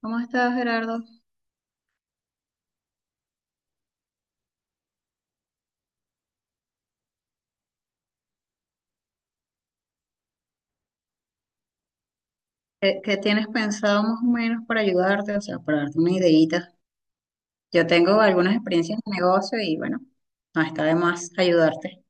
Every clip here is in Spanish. ¿Cómo estás, Gerardo? ¿Qué tienes pensado más o menos para ayudarte? O sea, para darte una ideita. Yo tengo algunas experiencias de negocio y bueno, no está de más ayudarte.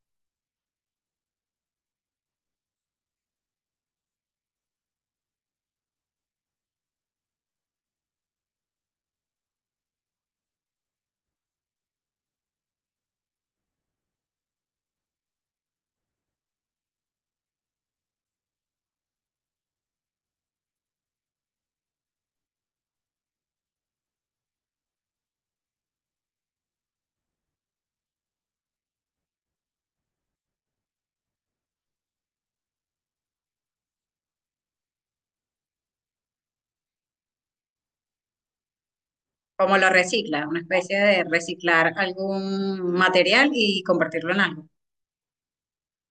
¿Cómo lo recicla? Una especie de reciclar algún material y convertirlo en algo,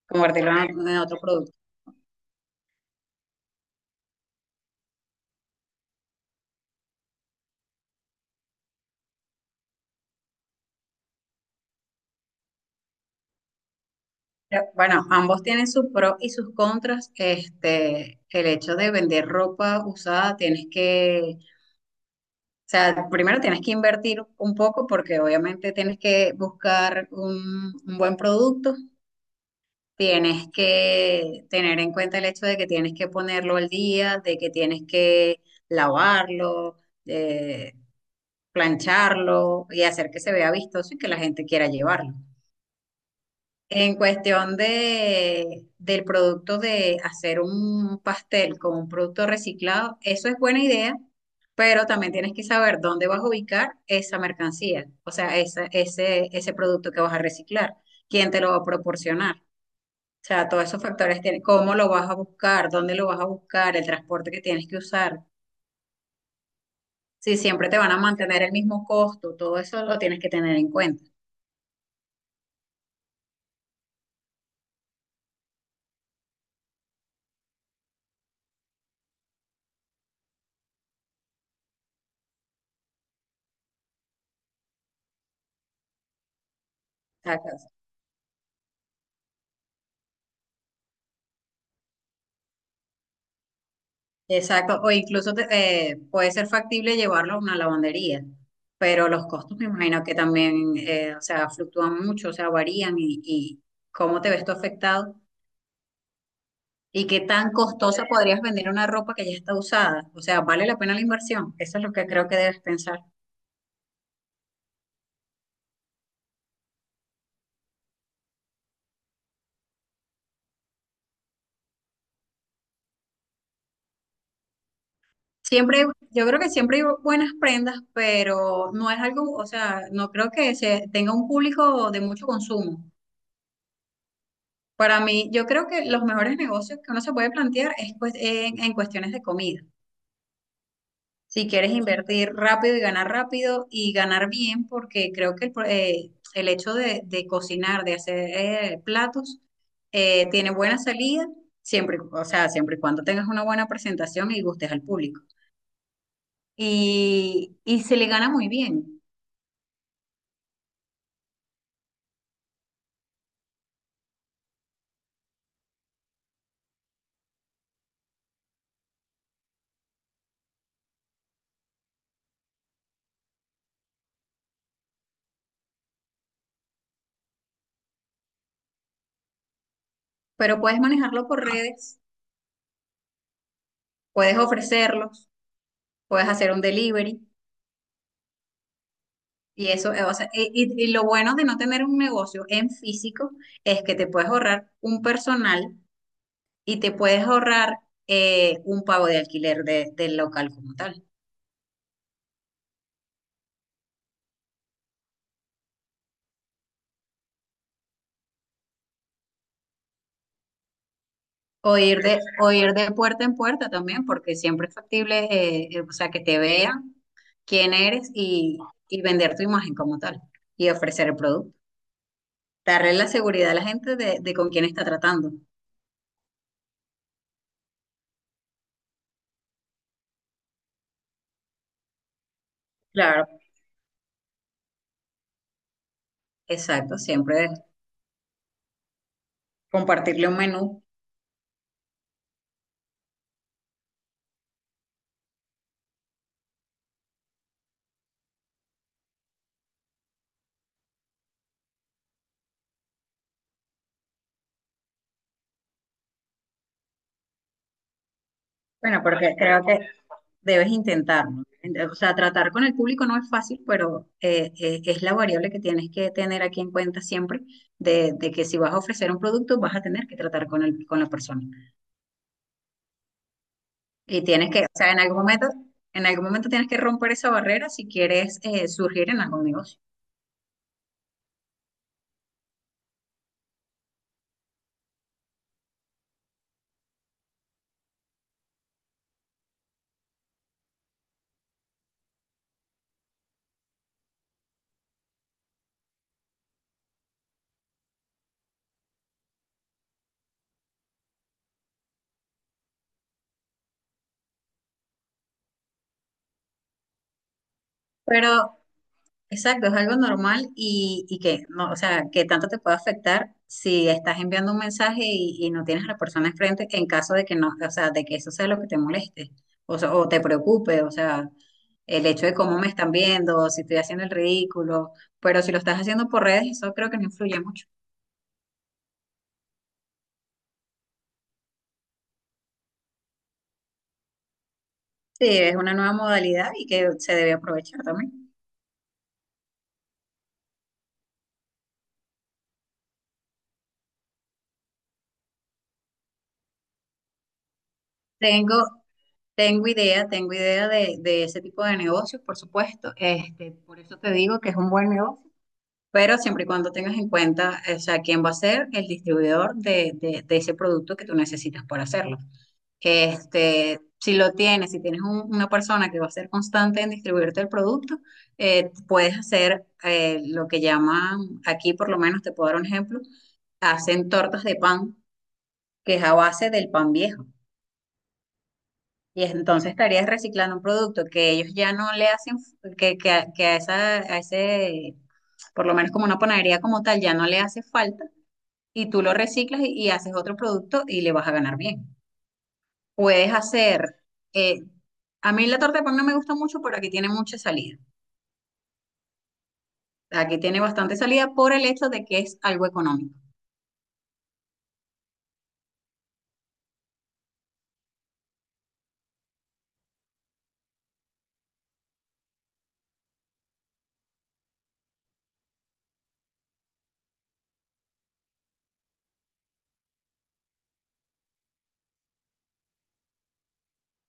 convertirlo en otro producto. Bueno, ambos tienen sus pros y sus contras. Este, el hecho de vender ropa usada, tienes que. O sea, primero tienes que invertir un poco porque obviamente tienes que buscar un buen producto, tienes que tener en cuenta el hecho de que tienes que ponerlo al día, de que tienes que lavarlo, eh, plancharlo y hacer que se vea vistoso y que la gente quiera llevarlo. En cuestión de, del producto de hacer un pastel con un producto reciclado, eso es buena idea, pero también tienes que saber dónde vas a ubicar esa mercancía, o sea, esa, ese producto que vas a reciclar, quién te lo va a proporcionar. O sea, todos esos factores, cómo lo vas a buscar, dónde lo vas a buscar, el transporte que tienes que usar, si siempre te van a mantener el mismo costo, todo eso lo tienes que tener en cuenta. Exacto, o incluso puede ser factible llevarlo a una lavandería, pero los costos me imagino que también, o sea, fluctúan mucho, o sea, varían y cómo te ves tú afectado y qué tan costosa podrías vender una ropa que ya está usada, o sea, ¿vale la pena la inversión? Eso es lo que creo que debes pensar. Siempre, yo creo que siempre hay buenas prendas, pero no es algo, o sea, no creo que se tenga un público de mucho consumo. Para mí, yo creo que los mejores negocios que uno se puede plantear es pues, en cuestiones de comida. Si quieres invertir rápido y ganar bien, porque creo que el hecho de cocinar, de hacer platos, tiene buena salida, siempre, o sea, siempre y cuando tengas una buena presentación y gustes al público. Y se le gana muy bien, pero puedes manejarlo por redes, puedes ofrecerlos, puedes hacer un delivery. Y eso, o sea, y lo bueno de no tener un negocio en físico es que te puedes ahorrar un personal y te puedes ahorrar un pago de alquiler del local como tal. O ir de puerta en puerta también, porque siempre es factible, o sea, que te vean quién eres y vender tu imagen como tal y ofrecer el producto. Darle la seguridad a la gente de con quién está tratando. Claro, exacto, siempre compartirle un menú. Bueno, porque creo que debes intentarlo. O sea, tratar con el público no es fácil, pero es la variable que tienes que tener aquí en cuenta siempre, de que si vas a ofrecer un producto, vas a tener que tratar con el, con la persona. Y tienes que, o sea, en algún momento tienes que romper esa barrera si quieres surgir en algún negocio. Pero exacto, es algo normal y que no, o sea, que tanto te puede afectar si estás enviando un mensaje y no tienes a la persona enfrente en caso de que no, o sea, de que eso sea lo que te moleste o, sea, o te preocupe, o sea, el hecho de cómo me están viendo, si estoy haciendo el ridículo, pero si lo estás haciendo por redes, eso creo que no influye mucho. Sí, es una nueva modalidad y que se debe aprovechar también. Tengo, tengo idea de ese tipo de negocios, por supuesto, este, por eso te digo que es un buen negocio, pero siempre y cuando tengas en cuenta, o sea, quién va a ser el distribuidor de, de ese producto que tú necesitas para hacerlo. Este, si lo tienes, si tienes una persona que va a ser constante en distribuirte el producto, puedes hacer lo que llaman, aquí por lo menos te puedo dar un ejemplo, hacen tortas de pan, que es a base del pan viejo. Entonces estarías reciclando un producto que ellos ya no le hacen, que, que a, esa, a ese, por lo menos como una panadería como tal, ya no le hace falta y tú lo reciclas y haces otro producto y le vas a ganar bien. Puedes hacer, eh, a mí la torta de pan no me gusta mucho, pero aquí tiene mucha salida. Aquí tiene bastante salida por el hecho de que es algo económico.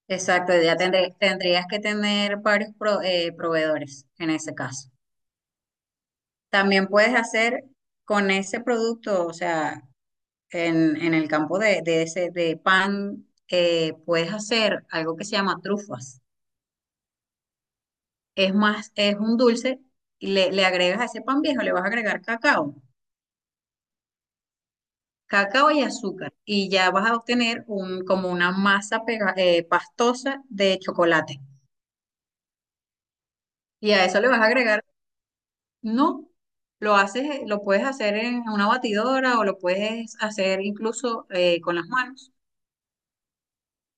Exacto, tendrías que tener varios proveedores en ese caso. También puedes hacer con ese producto, o sea, en el campo de ese, de pan, puedes hacer algo que se llama trufas. Es más, es un dulce y le agregas a ese pan viejo, le vas a agregar cacao, cacao y azúcar y ya vas a obtener un, como una masa pastosa de chocolate. Y a eso le vas a agregar, no, lo haces, lo puedes hacer en una batidora o lo puedes hacer incluso con las manos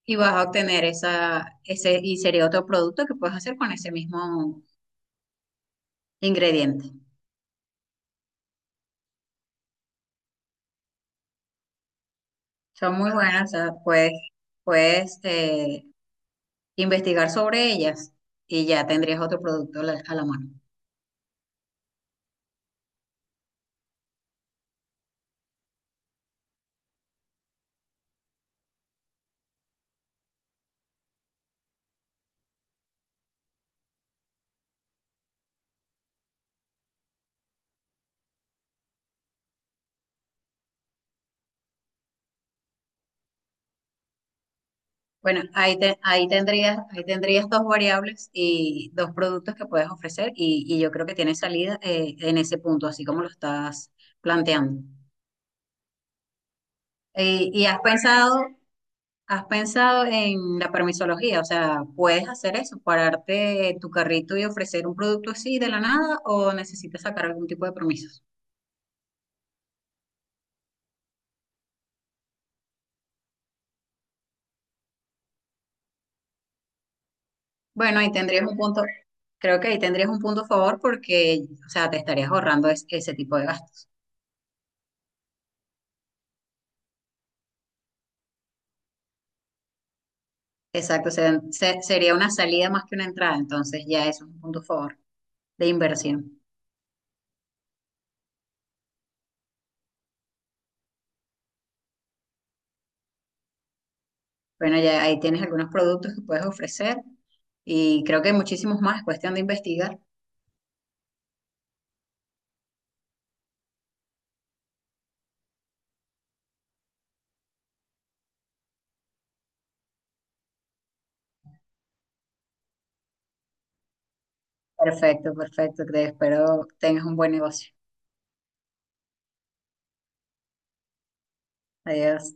y vas a obtener esa, ese, y sería otro producto que puedes hacer con ese mismo ingrediente. Son muy buenas, o sea, puedes, puedes investigar sobre ellas y ya tendrías otro producto a la mano. Bueno, ahí, ahí tendrías dos variables y dos productos que puedes ofrecer y yo creo que tienes salida en ese punto, así como lo estás planteando. ¿Y has pensado en la permisología? O sea, ¿puedes hacer eso, pararte tu carrito y ofrecer un producto así de la nada o necesitas sacar algún tipo de permisos? Bueno, ahí tendrías un punto, creo que ahí tendrías un punto a favor porque, o sea, te estarías ahorrando ese tipo de gastos. Exacto, sería una salida más que una entrada, entonces ya eso es un punto a favor de inversión. Bueno, ya ahí tienes algunos productos que puedes ofrecer y creo que hay muchísimos más, es cuestión de investigar. Perfecto, perfecto, te espero tengas un buen negocio. Adiós.